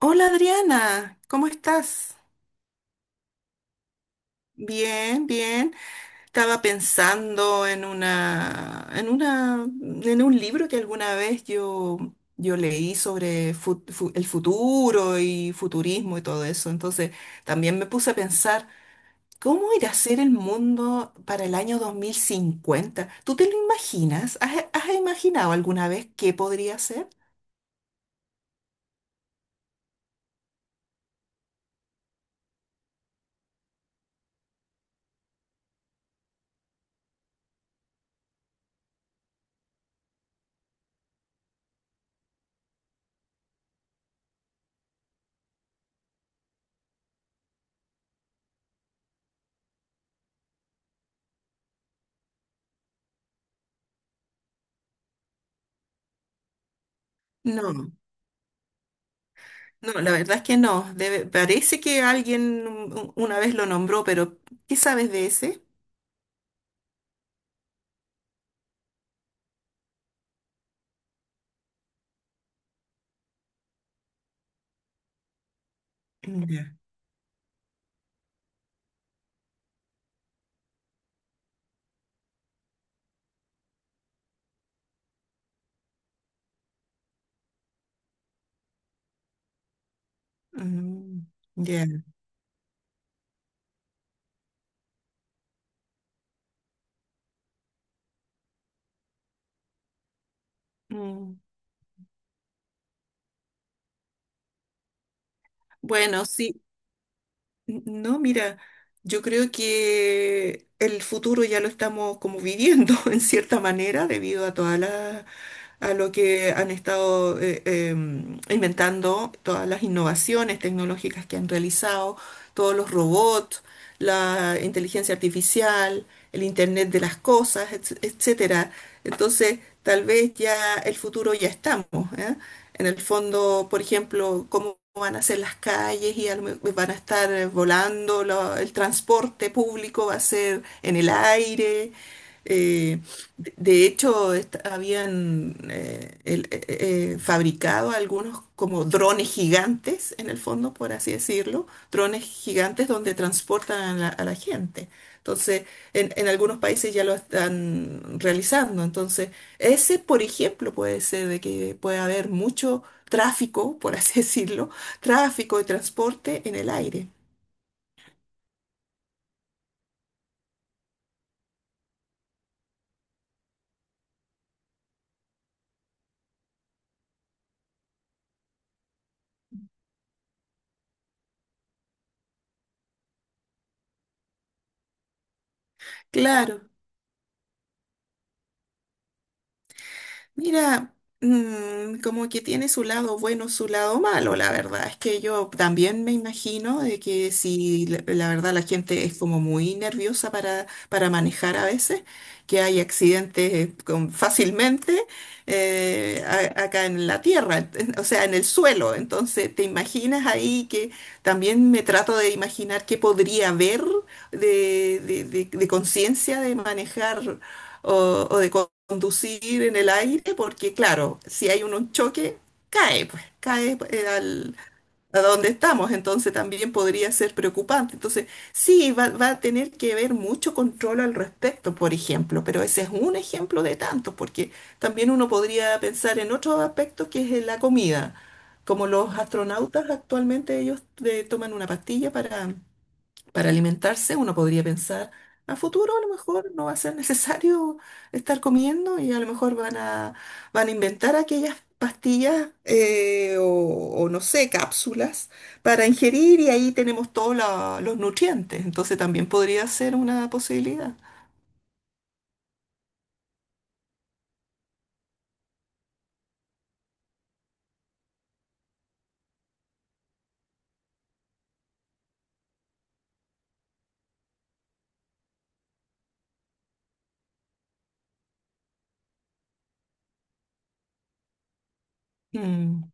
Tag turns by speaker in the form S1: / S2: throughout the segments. S1: Hola Adriana, ¿cómo estás? Bien, bien. Estaba pensando en en un libro que alguna vez yo leí sobre el futuro y futurismo y todo eso. Entonces también me puse a pensar, ¿cómo irá a ser el mundo para el año 2050? ¿Tú te lo imaginas? ¿Has imaginado alguna vez qué podría ser? No. No, la verdad es que no. Parece que alguien una vez lo nombró, pero ¿qué sabes de ese? Ya. Mm, ya. Mm. Bueno, sí. No, mira, yo creo que el futuro ya lo estamos como viviendo en cierta manera debido a todas las a lo que han estado inventando, todas las innovaciones tecnológicas que han realizado, todos los robots, la inteligencia artificial, el Internet de las cosas, etcétera. Entonces, tal vez ya el futuro ya estamos, ¿eh? En el fondo, por ejemplo, cómo van a ser las calles y a van a estar volando, el transporte público va a ser en el aire. eh, de hecho, habían fabricado algunos como drones gigantes, en el fondo, por así decirlo, drones gigantes donde transportan a la gente. Entonces, en algunos países ya lo están realizando. Entonces, ese, por ejemplo, puede ser de que puede haber mucho tráfico, por así decirlo, tráfico de transporte en el aire. Claro. Mira, mm, como que tiene su lado bueno, su lado malo, la verdad. Es que yo también me imagino de que si la verdad la gente es como muy nerviosa para manejar a veces, que hay accidentes fácilmente acá en la tierra, o sea, en el suelo. Entonces, ¿te imaginas ahí que también me trato de imaginar qué podría haber de conciencia de manejar? O de conducir en el aire, porque claro, si hay un choque, cae pues, al, a donde estamos, entonces también podría ser preocupante. Entonces, sí, va a tener que haber mucho control al respecto, por ejemplo, pero ese es un ejemplo de tantos, porque también uno podría pensar en otros aspectos que es en la comida. Como los astronautas actualmente ellos toman una pastilla para alimentarse, uno podría pensar, a futuro a lo mejor no va a ser necesario estar comiendo y a lo mejor van a inventar aquellas pastillas o no sé, cápsulas para ingerir y ahí tenemos todos los nutrientes. Entonces también podría ser una posibilidad. Mm,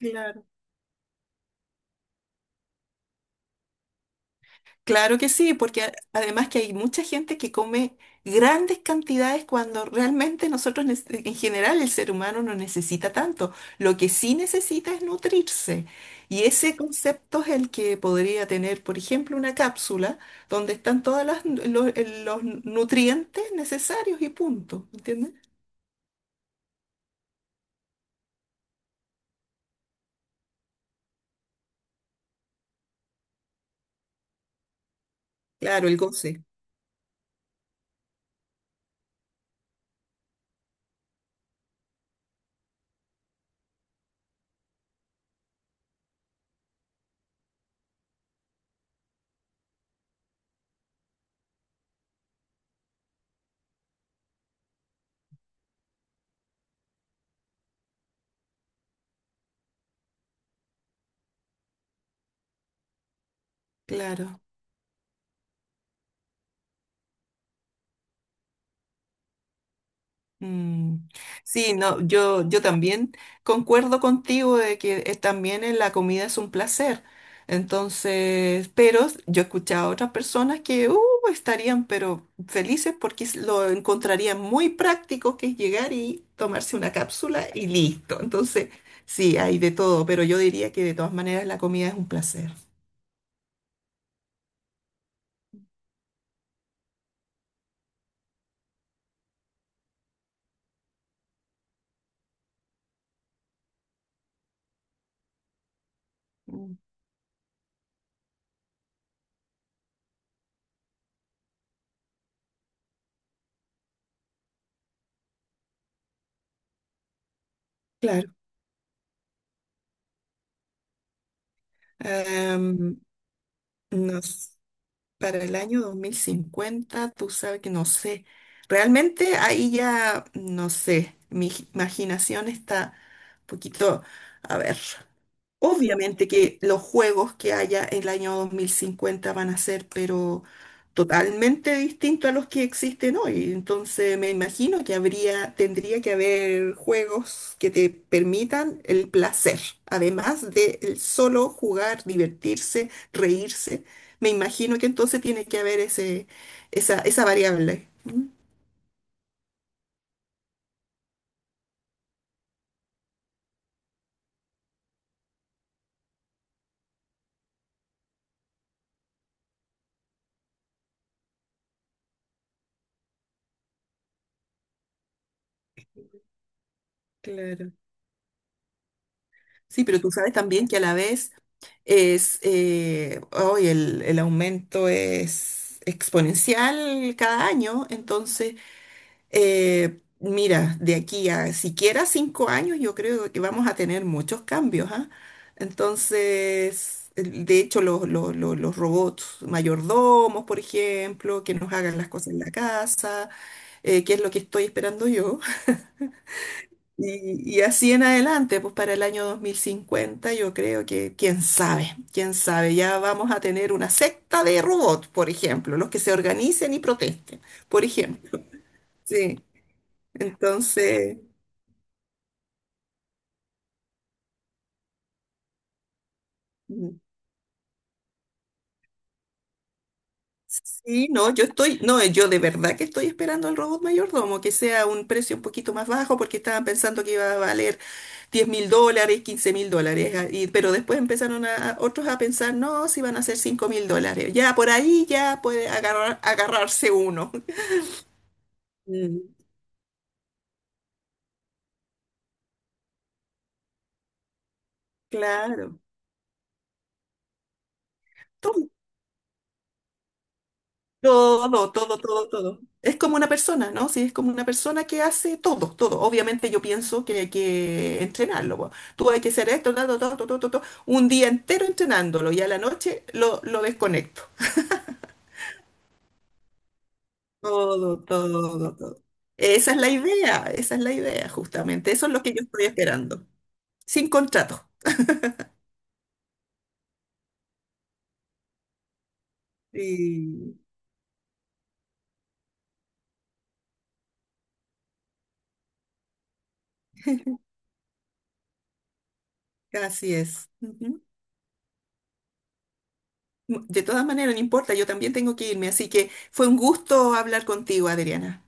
S1: claro. Claro que sí, porque además que hay mucha gente que come grandes cantidades cuando realmente en general, el ser humano no necesita tanto. Lo que sí necesita es nutrirse. Y ese concepto es el que podría tener, por ejemplo, una cápsula donde están todos los nutrientes necesarios y punto. ¿Entiendes? Claro, el goce. Claro. Mm, sí, no, yo también concuerdo contigo de que también en la comida es un placer. Entonces, pero yo he escuchado a otras personas que estarían pero felices porque lo encontrarían muy práctico que es llegar y tomarse una cápsula y listo. Entonces, sí, hay de todo, pero yo diría que de todas maneras la comida es un placer. Mm, claro. Em, no sé. Para el año 2050, tú sabes que no sé. Realmente ahí ya, no sé, mi imaginación está un poquito, a ver. Obviamente que los juegos que haya en el año 2050 van a ser, pero totalmente distintos a los que existen hoy. Entonces me imagino que habría, tendría que haber juegos que te permitan el placer, además de el solo jugar, divertirse, reírse. Me imagino que entonces tiene que haber ese, esa variable. ¿Mm? Claro. Sí, pero tú sabes también que a la vez es, hoy el aumento es exponencial cada año, entonces, mira, de aquí a siquiera 5 años yo creo que vamos a tener muchos cambios, ¿ah? Entonces, de hecho, los robots mayordomos, por ejemplo, que nos hagan las cosas en la casa, que es lo que estoy esperando yo. Y así en adelante, pues para el año 2050 yo creo que, quién sabe, ya vamos a tener una secta de robots, por ejemplo, los que se organicen y protesten, por ejemplo. Sí, entonces, mm, sí, no, yo de verdad que estoy esperando al robot mayordomo, que sea un precio un poquito más bajo, porque estaban pensando que iba a valer $10.000, $15.000, ah, pero después empezaron otros a pensar, no, si van a ser $5.000, ya por ahí ya puede agarrarse uno. Mm, claro, todo, todo, todo, todo, todo. Es como una persona, ¿no? Sí, es como una persona que hace todo, todo. Obviamente yo pienso que hay que entrenarlo, po. Tú hay que hacer esto, todo, todo, todo, todo, todo, un día entero entrenándolo y a la noche lo desconecto. Todo, todo, todo. Esa es la idea, esa es la idea, justamente. Eso es lo que yo estoy esperando. Sin contrato. Sí, así es. Ujú. De todas maneras, no importa, yo también tengo que irme, así que fue un gusto hablar contigo, Adriana.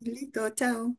S1: Listo, chao.